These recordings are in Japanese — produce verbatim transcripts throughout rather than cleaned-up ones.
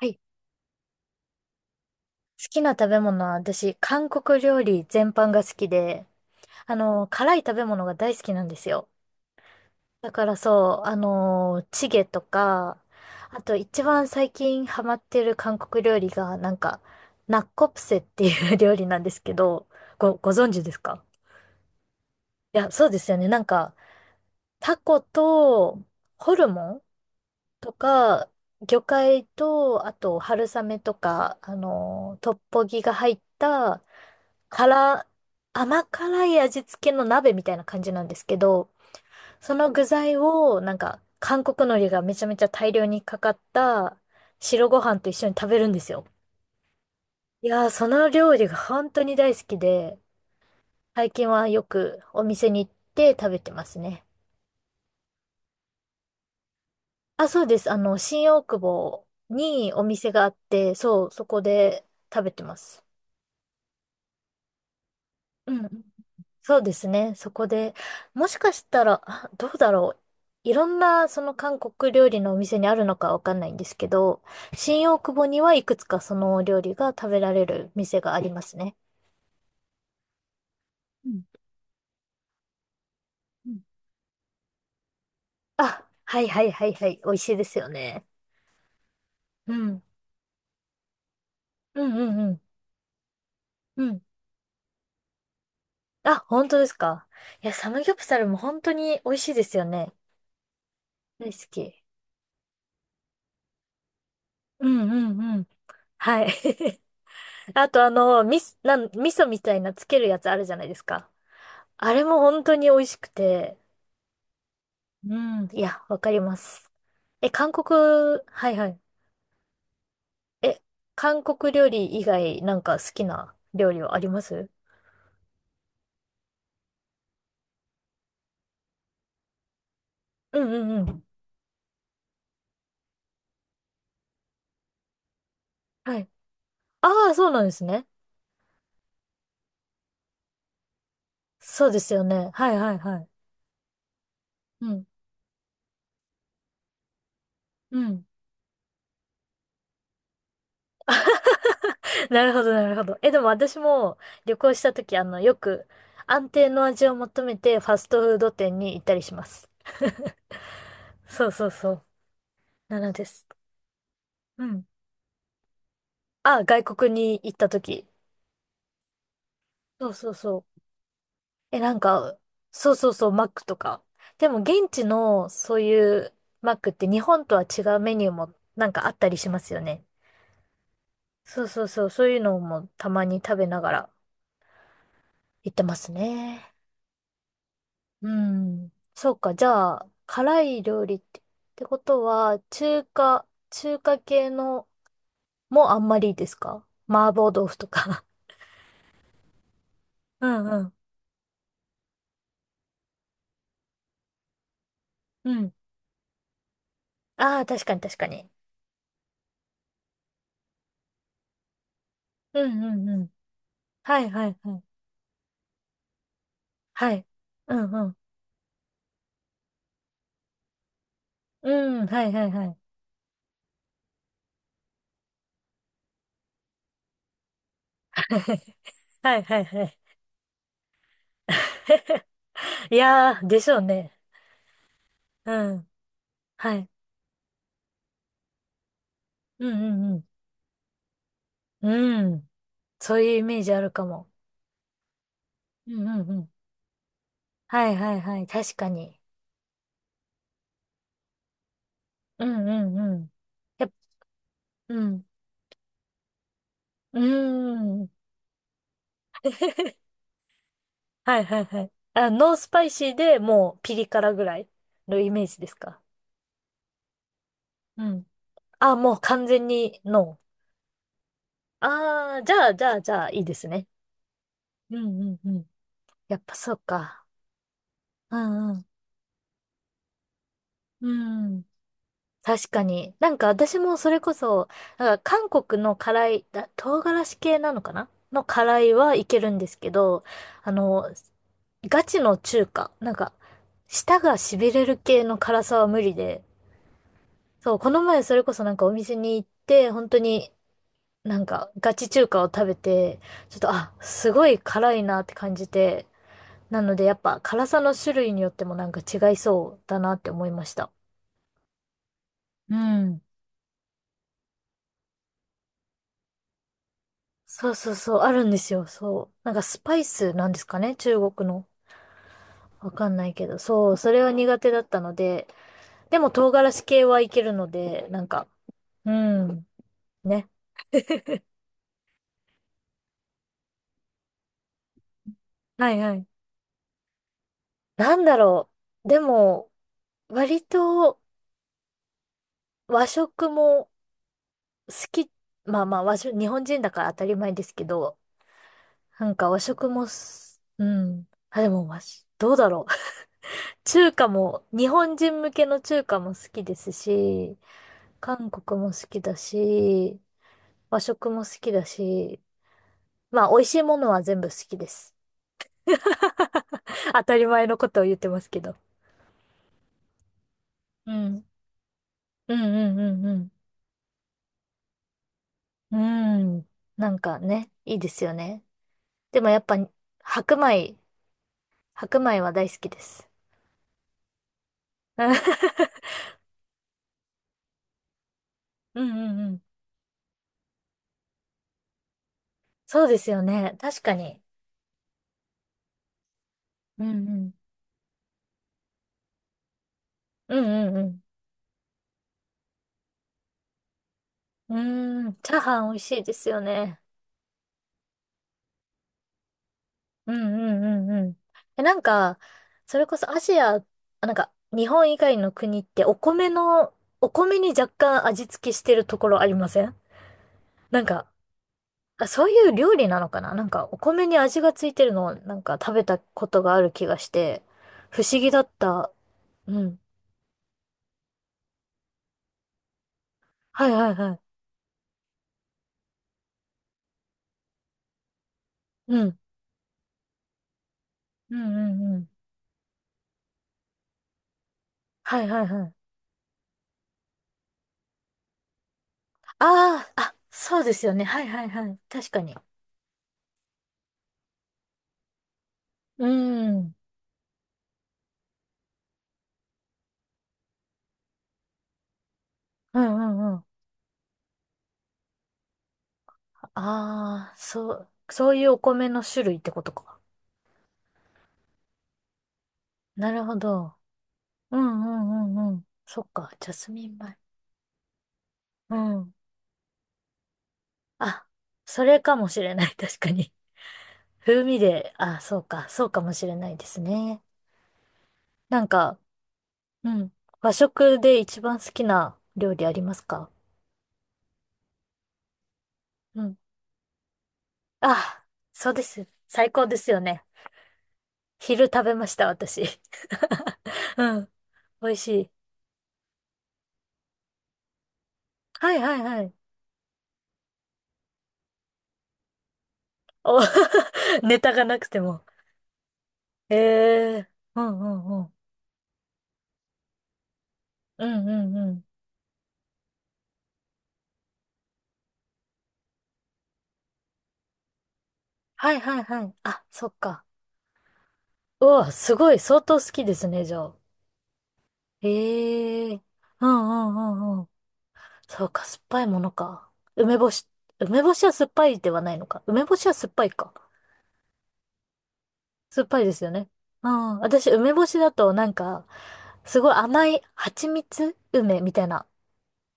はい、好きな食べ物は私、韓国料理全般が好きで、あの、辛い食べ物が大好きなんですよ。だからそう、あの、チゲとか、あと一番最近ハマってる韓国料理が、なんか、ナッコプセっていう 料理なんですけど、ご、ご存知ですか？いや、そうですよね。なんか、タコとホルモンとか、魚介と、あと春雨とか、あの、トッポギが入った、辛、甘辛い味付けの鍋みたいな感じなんですけど、その具材を、なんか、韓国海苔がめちゃめちゃ大量にかかった白ご飯と一緒に食べるんですよ。いやー、その料理が本当に大好きで、最近はよくお店に行って食べてますね。あ、そうです。あの、新大久保にお店があって、そう、そこで食べてます。うん、そうですね。そこで、もしかしたら、あ、どうだろう。いろんな、その韓国料理のお店にあるのかわかんないんですけど、新大久保にはいくつかそのお料理が食べられる店がありますね。うんうん。あ、はいはいはいはい。美味しいですよね。うん。うんうんうん。うん。あ、本当ですか。いや、サムギョプサルも本当に美味しいですよね。大好き。うんうんうん。はい。あとあの、みす、なん、味噌みたいなつけるやつあるじゃないですか。あれも本当に美味しくて。うん。いや、わかります。え、韓国、はいはい。え、韓国料理以外なんか好きな料理はあります？うんうんうん。はい。ああ、そうなんですね。そうですよね。はいはいはい。うん。うん。なるほど、なるほど。え、でも私も旅行した時、あの、よく安定の味を求めてファストフード店に行ったりします。そうそうそう。なのです。うん。あ、外国に行った時。そうそうそう。え、なんか、そうそうそう、マックとか。でも現地のそういうマックって日本とは違うメニューもなんかあったりしますよね。そうそうそう、そういうのもたまに食べながら行ってますね。うん。そうか。じゃあ、辛い料理って、ってことは、中華、中華系のもあんまりですか？麻婆豆腐とか。うんうん。うん。ああ、確かに確かに。うんうんうん。はいはいはい。はい。うんうん。うん、はいはいはい。はいはいはい。いやー、でしょうね。うん。はい。うんうんうん。うん。そういうイメージあるかも。うんうんうん。はいはいはい。確かに。うんうんうん。やっうん。うーん。はいはいはい。あ、ノースパイシーでもうピリ辛ぐらいのイメージですか？うん。あ、もう完全にノー。ああ、じゃあじゃあじゃあいいですね。うんうんうん。やっぱそうか。うんうん。うん。確かに。なんか私もそれこそ、なんか韓国の辛い、あ、唐辛子系なのかな、の辛いはいけるんですけど、あの、ガチの中華、なんか、舌が痺れる系の辛さは無理で、そう、この前それこそなんかお店に行って、本当になんかガチ中華を食べて、ちょっと、あ、すごい辛いなって感じて、なのでやっぱ辛さの種類によってもなんか違いそうだなって思いました。うん。そうそうそう、あるんですよ、そう。なんかスパイスなんですかね、中国の。わかんないけど、そう、それは苦手だったので、でも唐辛子系はいけるので、なんか、うん、ね。はいはい。なんだろう。でも、割と和食も好き、まあまあ和食、日本人だから当たり前ですけど、なんか和食もす、うん。あ、でも和食、どうだろう。中華も、日本人向けの中華も好きですし、韓国も好きだし、和食も好きだし、まあ、美味しいものは全部好きです。当たり前のことを言ってますけど。うん。うんうんうんうん。うん。なんかね、いいですよね。でもやっぱ、白米、白米は大好きです。うんうんうん。そうですよね。確かに。うんうん。うんうんうん。うーん。チャーハン美味しいですよね。うんうんうんうん。え、なんか、それこそアジア、あ、なんか、日本以外の国ってお米の、お米に若干味付けしてるところありません？なんか、あ、そういう料理なのかな、なんか、お米に味がついてるのをなんか食べたことがある気がして、不思議だった。うん。はいはいはい。うん。うんうんうん。はいはいはい。ああ、あ、そうですよね。はいはいはい。確かに。うん。うんうんうん。ああ、そう、そういうお米の種類ってことか。なるほど。うんうんうんうん。そっか、ジャスミン米。うん。あ、それかもしれない、確かに。風味で、あ、そうか、そうかもしれないですね。なんか、うん。和食で一番好きな料理ありますか？うん。あ、そうです。最高ですよね。昼食べました、私。うん。美味しい。はいはいはい。お、ネタがなくても。ええ、うんうんうん。うんうんうん。はいはいはい。あ、そっか。うわ、すごい、相当好きですね、じゃあ。ええ、うんうんうんうん。そうか、酸っぱいものか。梅干し、梅干しは酸っぱいではないのか。梅干しは酸っぱいか。酸っぱいですよね。うん。私、梅干しだとなんか、すごい甘い蜂蜜梅みたいな、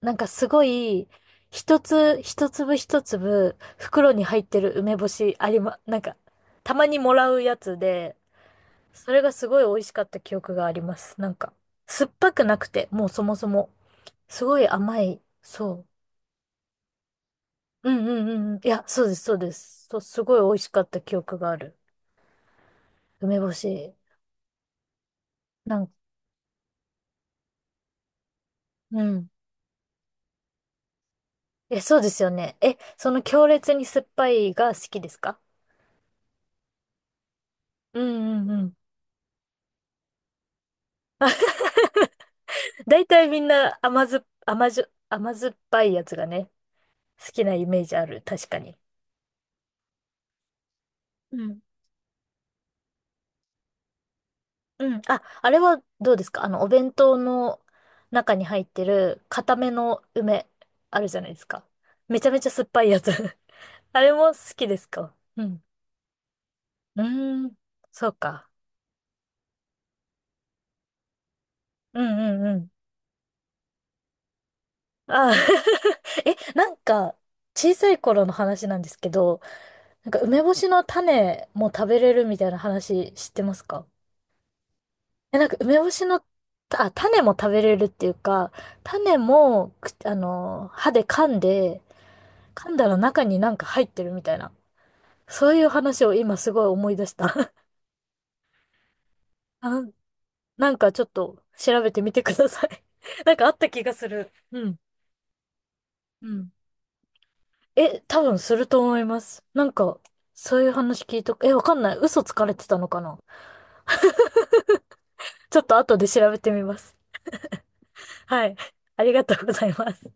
なんかすごい、一つ、一粒一粒、袋に入ってる梅干しありま、なんか、たまにもらうやつで、それがすごい美味しかった記憶があります。なんか、酸っぱくなくて、もうそもそも。すごい甘い。そう。うんうんうんうん。いや、そうです、そうです。そう、すごい美味しかった記憶がある。梅干し。なんか、うん。え、そうですよね。え、その強烈に酸っぱいが好きですか？うんうんうん。大体みんな甘酸っ、甘じょ、甘酸っぱいやつがね、好きなイメージある。確かに。うん。うん。あ、あれはどうですか？あの、お弁当の中に入ってる固めの梅、あるじゃないですか。めちゃめちゃ酸っぱいやつ。あれも好きですか？うん。うーん。そうか。うんうんうん。あー。 え、なんか、小さい頃の話なんですけど、なんか梅干しの種も食べれるみたいな話知ってますか？え、なんか梅干しの、あ、種も食べれるっていうか、種も、くあの、歯で噛んで、噛んだら中になんか入ってるみたいな。そういう話を今すごい思い出した。あ、なんかちょっと調べてみてください。なんかあった気がする。うん。うん。え、多分すると思います。なんか、そういう話聞いとく。え、わかんない。嘘つかれてたのかな？ ちょっと後で調べてみます。はい。ありがとうございます。